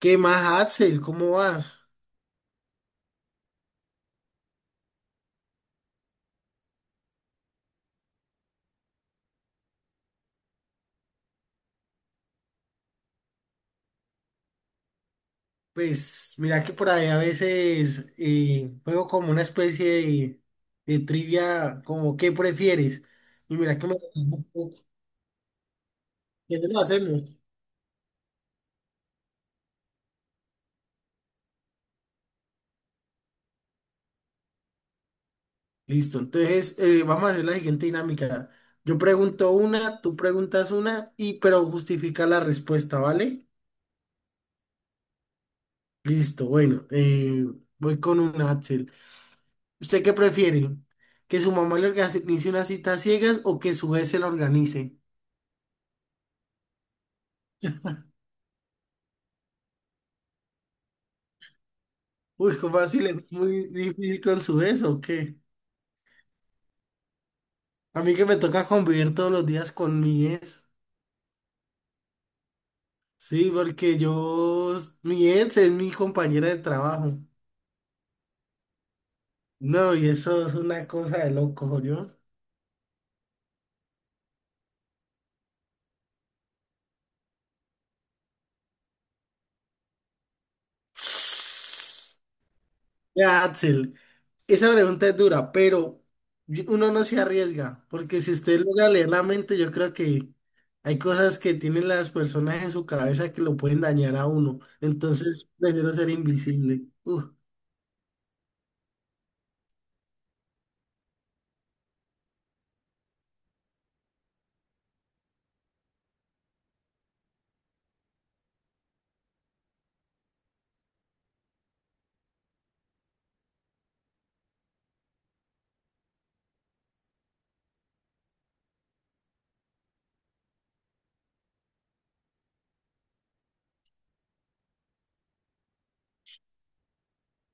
¿Qué más, Axel? ¿Cómo vas? Pues mira que por ahí a veces juego como una especie de trivia, como ¿qué prefieres? Y mira que me... ¿Qué lo hacemos? Listo, entonces vamos a hacer la siguiente dinámica. Yo pregunto una, tú preguntas una, y pero justifica la respuesta, ¿vale? Listo, bueno, voy con un Axel. ¿Usted qué prefiere? ¿Que su mamá le organice una cita a ciegas o que su jefe se la organice? Uy, ¿cómo así le fue muy difícil con su ex o qué? A mí que me toca convivir todos los días con mi ex. Sí, porque mi ex es mi compañera de trabajo. No, y eso es una cosa de loco, ¿yo? Ya, Axel, esa pregunta es dura, pero uno no se arriesga, porque si usted logra leer la mente, yo creo que hay cosas que tienen las personas en su cabeza que lo pueden dañar a uno. Entonces, prefiero ser invisible.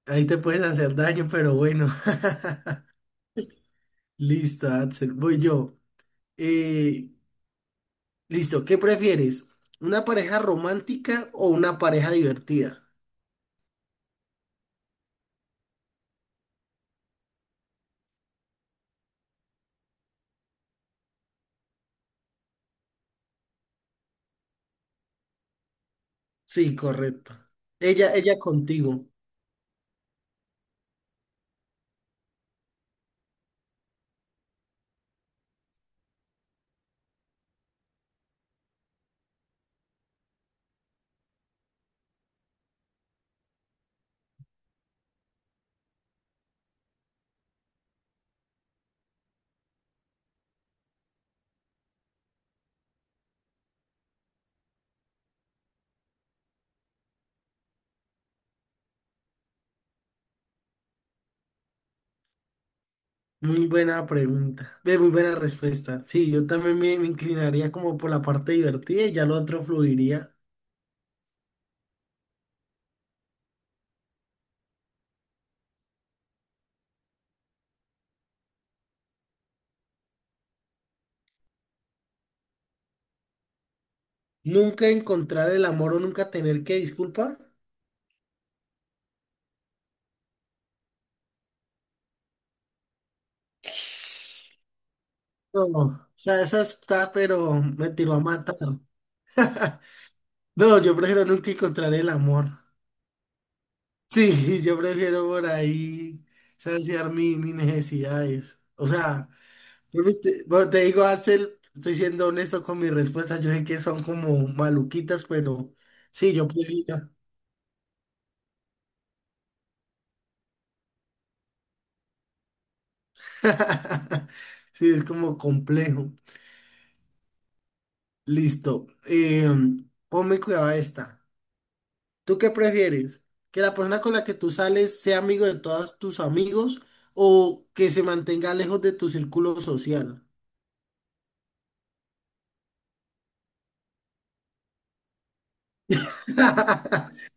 Ahí te puedes hacer daño, pero bueno. Listo, Axel, voy yo. Eh, listo, ¿qué prefieres? ¿Una pareja romántica o una pareja divertida? Sí, correcto. Ella contigo. Muy buena pregunta. Ve, muy buena respuesta. Sí, yo también me inclinaría como por la parte divertida y ya lo otro fluiría. ¿Nunca encontrar el amor o nunca tener que disculpar? No, o sea, esa está, pero me tiró a matar. No, yo prefiero nunca encontrar el amor. Sí, yo prefiero por ahí saciar mis necesidades. O sea, bueno, te digo, Axel, estoy siendo honesto con mis respuestas. Yo sé que son como maluquitas, pero sí, yo prefiero. Sí, es como complejo. Listo. Ponme cuidado a esta. ¿Tú qué prefieres? ¿Que la persona con la que tú sales sea amigo de todos tus amigos o que se mantenga lejos de tu círculo social?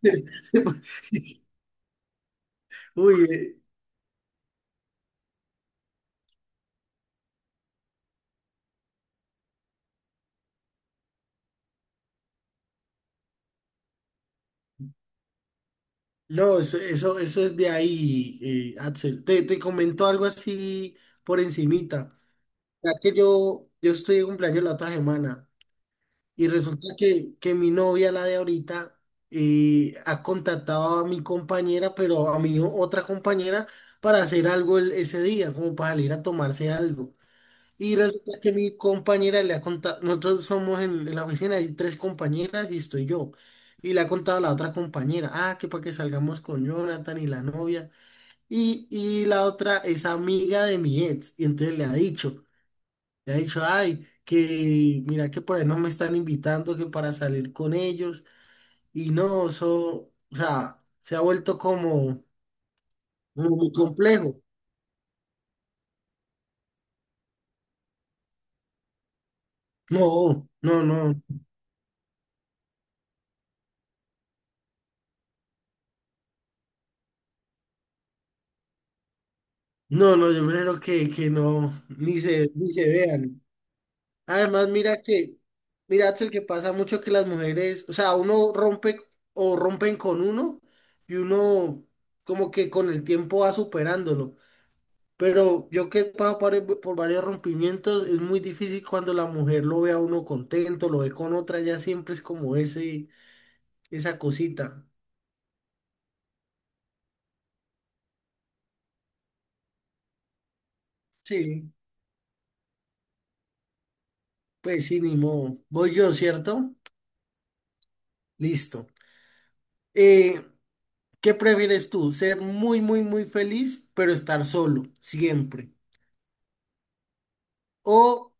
Uy, no, eso es de ahí, Axel. Te comento algo así por encimita. Ya que yo estoy de cumpleaños la otra semana y resulta que mi novia, la de ahorita, ha contactado a mi compañera, pero a mi otra compañera, para hacer algo ese día, como para salir a tomarse algo. Y resulta que mi compañera le ha contado, nosotros somos en la oficina, hay tres compañeras y estoy yo. Y le ha contado a la otra compañera, ah, que para que salgamos con Jonathan y la novia. Y la otra es amiga de mi ex. Y entonces le ha dicho, ay, que mira que por ahí no me están invitando, que para salir con ellos. Y no, eso, o sea, se ha vuelto como, como muy complejo. No, no, no, no, yo prefiero que no, ni se vean. Además, mira mira, Axel, que pasa mucho que las mujeres, o sea, uno rompe o rompen con uno y uno como que con el tiempo va superándolo. Pero yo que he pasado por varios rompimientos, es muy difícil cuando la mujer lo ve a uno contento, lo ve con otra, ya siempre es como esa cosita. Sí, pues sí, ni modo. Voy yo, ¿cierto? Listo. Eh, ¿Qué prefieres tú? ¿Ser muy feliz, pero estar solo, siempre? ¿O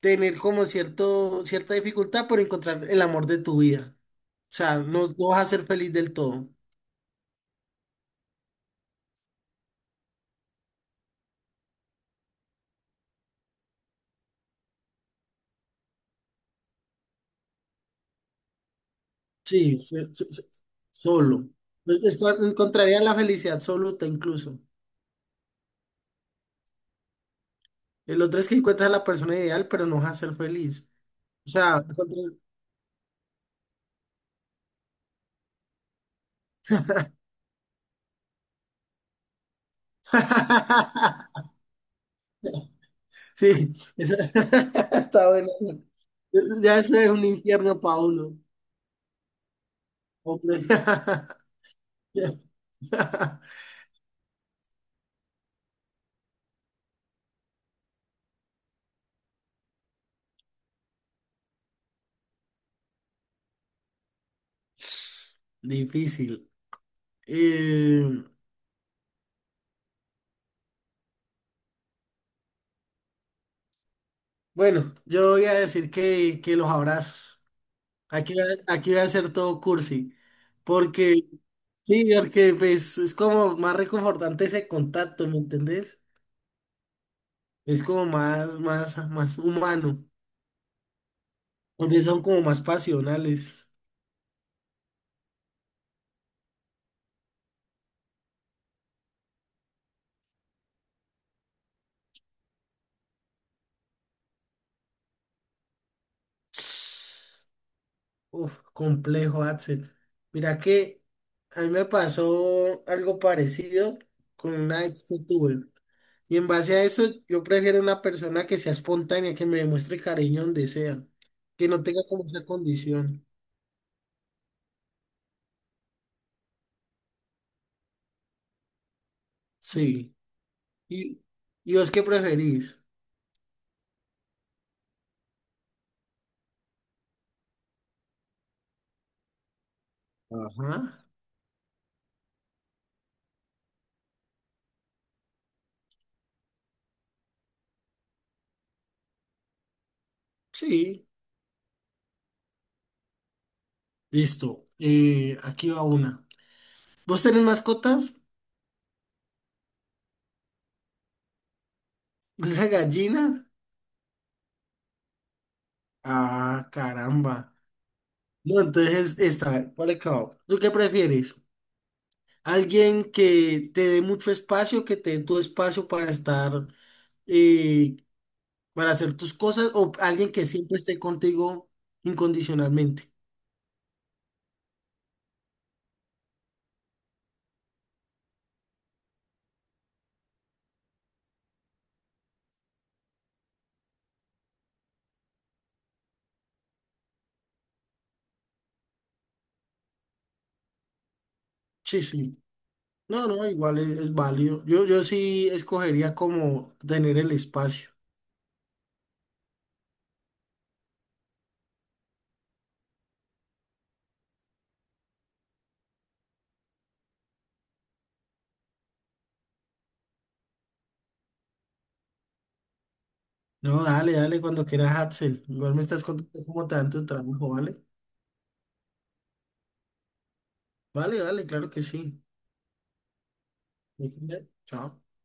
tener como cierta dificultad por encontrar el amor de tu vida? O sea, no vas a ser feliz del todo. Sí, solo. Es- Encontrarías la felicidad absoluta incluso. El otro es que encuentras a la persona ideal, pero no vas a ser feliz. O sea, sí, eso... está bueno. Ya eso es un infierno, Paulo. Hombre. Difícil. Eh, Bueno, yo voy a decir que los abrazos. Aquí, aquí voy a hacer todo cursi. Porque, sí, porque pues, es como más reconfortante ese contacto, ¿me entendés? Es como más humano. Porque son como más pasionales. Uf, complejo, Axel. Mira que a mí me pasó algo parecido con una ex que tuve. Y en base a eso, yo prefiero una persona que sea espontánea, que me demuestre cariño donde sea, que no tenga como esa condición. Sí. ¿Y, y vos qué preferís? Ajá. Sí. Listo. Aquí va una. ¿Vos tenés mascotas? ¿Una gallina? Ah, caramba. No, entonces está, por acá. ¿Tú qué prefieres? ¿Alguien que te dé mucho espacio, que te dé tu espacio para estar, eh, para hacer tus cosas o alguien que siempre esté contigo incondicionalmente? Sí, sí. No, no, igual es válido. Yo sí escogería como tener el espacio. No, dale, dale cuando quieras, Axel. Igual me estás contando cómo te dan tu trabajo, ¿vale? Vale, vale, claro que sí. Chao.